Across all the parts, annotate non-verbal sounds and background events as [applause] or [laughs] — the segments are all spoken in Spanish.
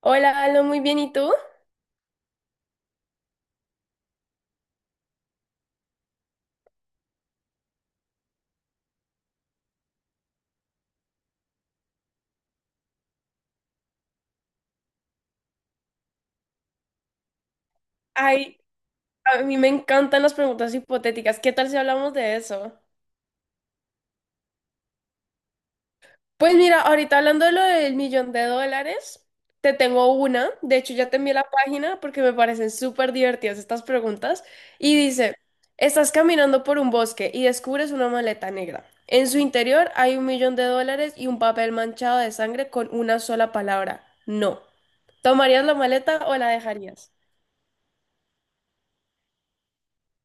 Hola, Aló, muy bien, ¿y tú? Ay, a mí me encantan las preguntas hipotéticas. ¿Qué tal si hablamos de eso? Pues mira, ahorita hablando de lo del millón de dólares, te tengo una. De hecho, ya te envié la página porque me parecen súper divertidas estas preguntas. Y dice, estás caminando por un bosque y descubres una maleta negra. En su interior hay 1 millón de dólares y un papel manchado de sangre con una sola palabra, no. ¿Tomarías la maleta o la dejarías?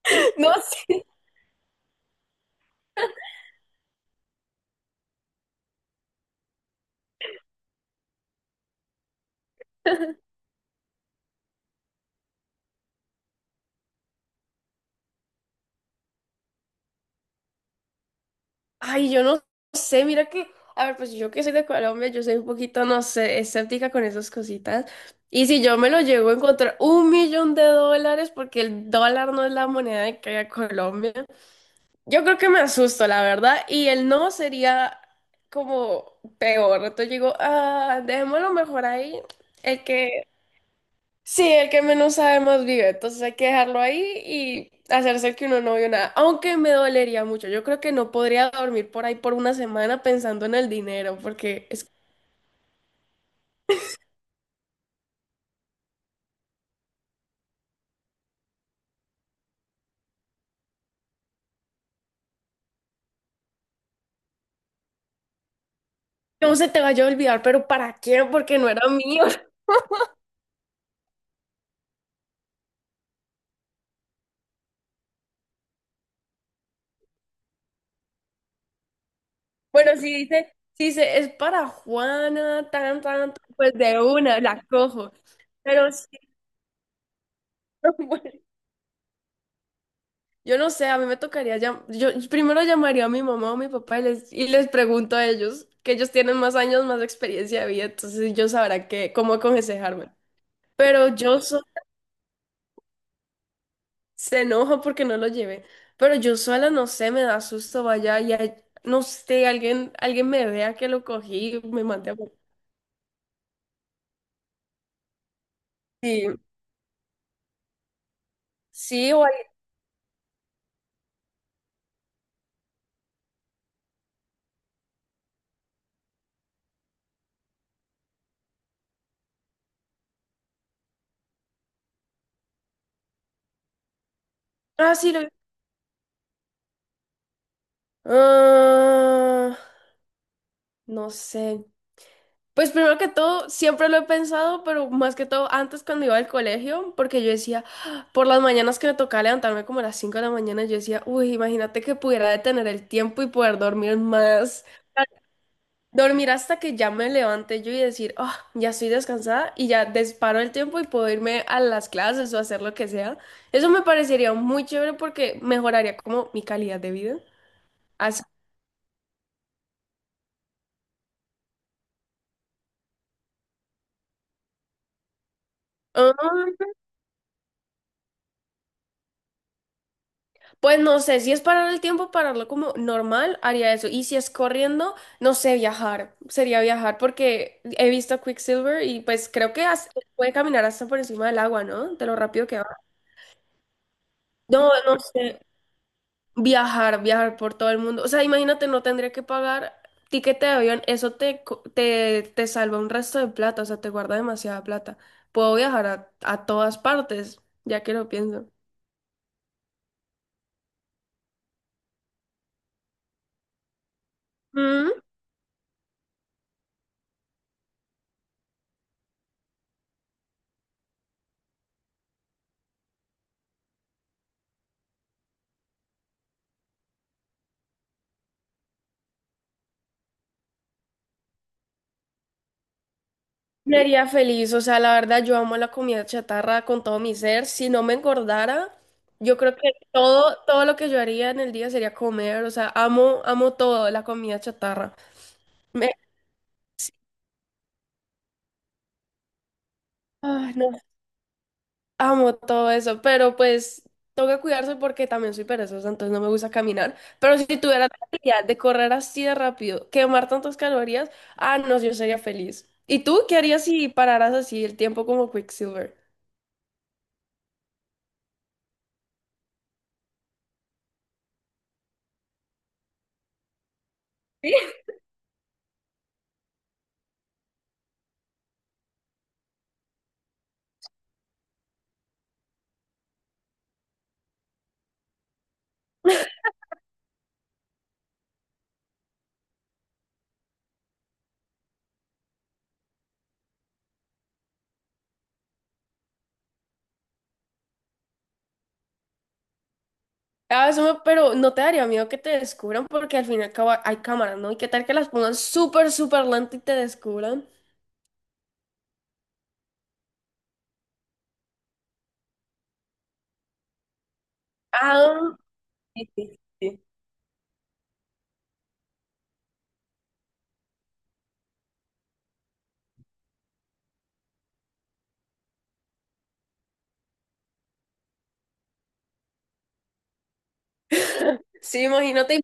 [laughs] No. Ay, yo no sé, mira que, a ver, pues yo que soy de Colombia, yo soy un poquito, no sé, escéptica con esas cositas. Y si yo me lo llego a encontrar 1 millón de dólares, porque el dólar no es la moneda de que hay Colombia, yo creo que me asusto, la verdad, y el no sería como peor. Entonces yo digo, ah, dejémoslo mejor ahí, el que sí, el que menos sabe más vive, entonces hay que dejarlo ahí y hacerse que uno no vio nada, aunque me dolería mucho. Yo creo que no podría dormir por ahí por una semana pensando en el dinero, porque es no se te vaya a olvidar, pero ¿para qué? Porque no era mío. [laughs] Bueno, si dice, es para Juana, tan, tan, tan", pues de una, la cojo. Pero sí, [laughs] yo no sé, a mí me tocaría yo primero llamaría a mi mamá o mi papá y les pregunto a ellos, que ellos tienen más años, más experiencia de vida, entonces ellos sabrán qué, cómo aconsejarme. Pero se enoja porque no lo llevé. Pero yo sola no sé, me da susto, vaya, y no sé, alguien me vea que lo cogí, y me mande a... Sí, sí. Ah, sí. Ah, no sé. Pues primero que todo, siempre lo he pensado, pero más que todo antes cuando iba al colegio, porque yo decía, "Ah", por las mañanas que me tocaba levantarme como a las 5 de la mañana, yo decía, uy, imagínate que pudiera detener el tiempo y poder dormir más, dormir hasta que ya me levante yo y decir, oh, ya estoy descansada y ya disparo el tiempo y puedo irme a las clases o hacer lo que sea. Eso me parecería muy chévere porque mejoraría como mi calidad de vida. Así. Ah, pues no sé, si es parar el tiempo, pararlo como normal, haría eso. Y si es corriendo, no sé, viajar. Sería viajar porque he visto a Quicksilver y pues creo que puede caminar hasta por encima del agua, ¿no? De lo rápido que va. No, no sé. Viajar, viajar por todo el mundo. O sea, imagínate, no tendría que pagar tiquete de avión. Eso te salva un resto de plata, o sea, te guarda demasiada plata. Puedo viajar a todas partes, ya que lo pienso. Me haría feliz, o sea, la verdad yo amo la comida chatarra con todo mi ser. Si no me engordara, yo creo que todo, todo lo que yo haría en el día sería comer, o sea, amo, amo todo, la comida chatarra. Me, ah, no, amo todo eso, pero pues toca cuidarse porque también soy perezosa, entonces no me gusta caminar. Pero si tuviera la habilidad de correr así de rápido, quemar tantas calorías, ah, no, yo sería feliz. ¿Y tú qué harías si pararas así el tiempo como Quicksilver? Ah, pero no te daría miedo que te descubran porque al fin y al cabo hay cámaras, ¿no? ¿Y qué tal que las pongan súper, súper lento y te descubran? Ah, sí, sí, sí. [laughs] Sí, imagínate.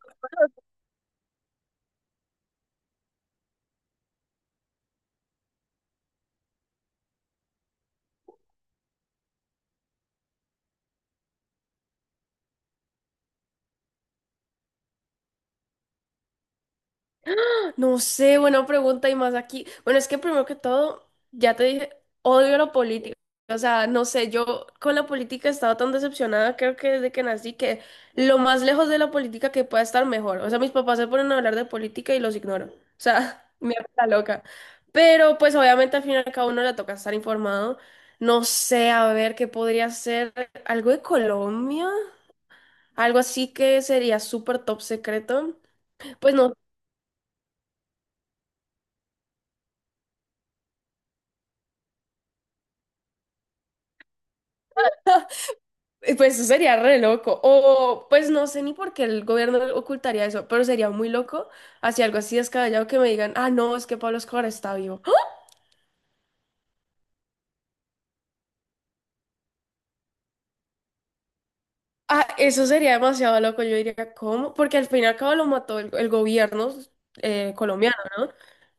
No sé, buena pregunta y más aquí. Bueno, es que primero que todo, ya te dije, odio la política. O sea, no sé, yo con la política he estado tan decepcionada, creo que desde que nací, que lo más lejos de la política que pueda estar mejor. O sea, mis papás se ponen a hablar de política y los ignoro. O sea, [laughs] me hago la loca. Pero pues obviamente al final cada uno le toca estar informado. No sé, a ver, ¿qué podría ser? ¿Algo de Colombia? Algo así que sería súper top secreto. Pues no. Pues eso sería re loco. O pues no sé ni por qué el gobierno ocultaría eso, pero sería muy loco hacia algo así descabellado que me digan, ah, no, es que Pablo Escobar está vivo. [gasps] ¡Ah! Ah, eso sería demasiado loco. Yo diría, ¿cómo? Porque al fin y al cabo lo mató el gobierno colombiano, ¿no?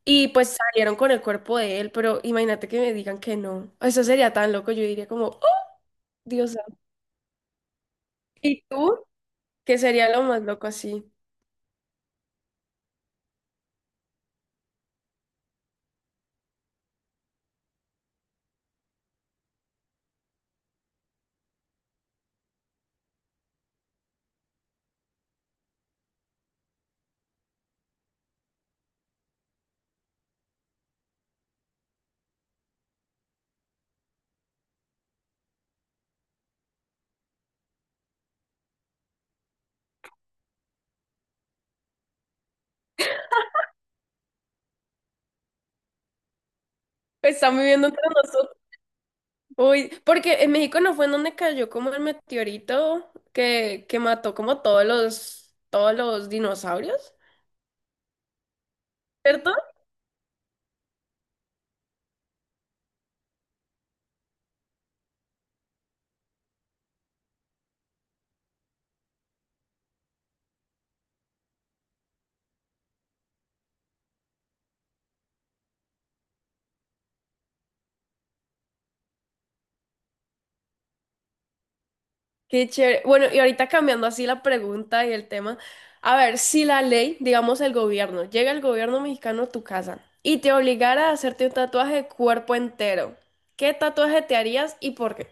Y pues salieron con el cuerpo de él, pero imagínate que me digan que no. Eso sería tan loco. Yo diría como, oh, Dios santo". ¿Y tú? ¿Qué sería lo más loco así? Están viviendo entre nosotros. Uy, porque en México no fue en donde cayó como el meteorito que mató como todos los dinosaurios, ¿cierto? Qué chévere. Bueno, y ahorita cambiando así la pregunta y el tema, a ver, si la ley, digamos el gobierno, llega el gobierno mexicano a tu casa y te obligara a hacerte un tatuaje de cuerpo entero, ¿qué tatuaje te harías y por qué?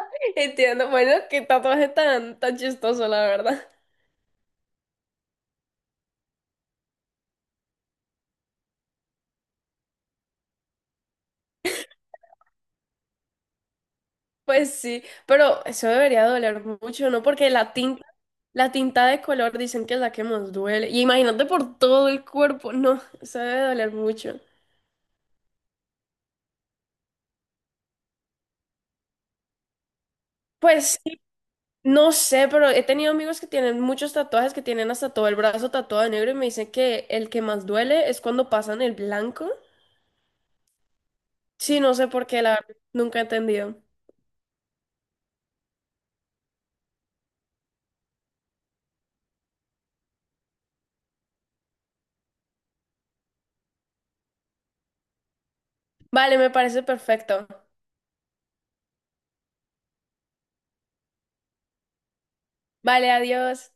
[laughs] Entiendo, bueno, qué tatuaje tan, tan chistoso, la verdad. Pues sí, pero eso debería doler mucho, ¿no? Porque la tinta de color dicen que es la que más duele. Y imagínate por todo el cuerpo. No, eso debe doler mucho. Pues sí, no sé, pero he tenido amigos que tienen muchos tatuajes, que tienen hasta todo el brazo tatuado de negro y me dicen que el que más duele es cuando pasan el blanco. Sí, no sé por qué, la verdad, nunca he entendido. Vale, me parece perfecto. Vale, adiós.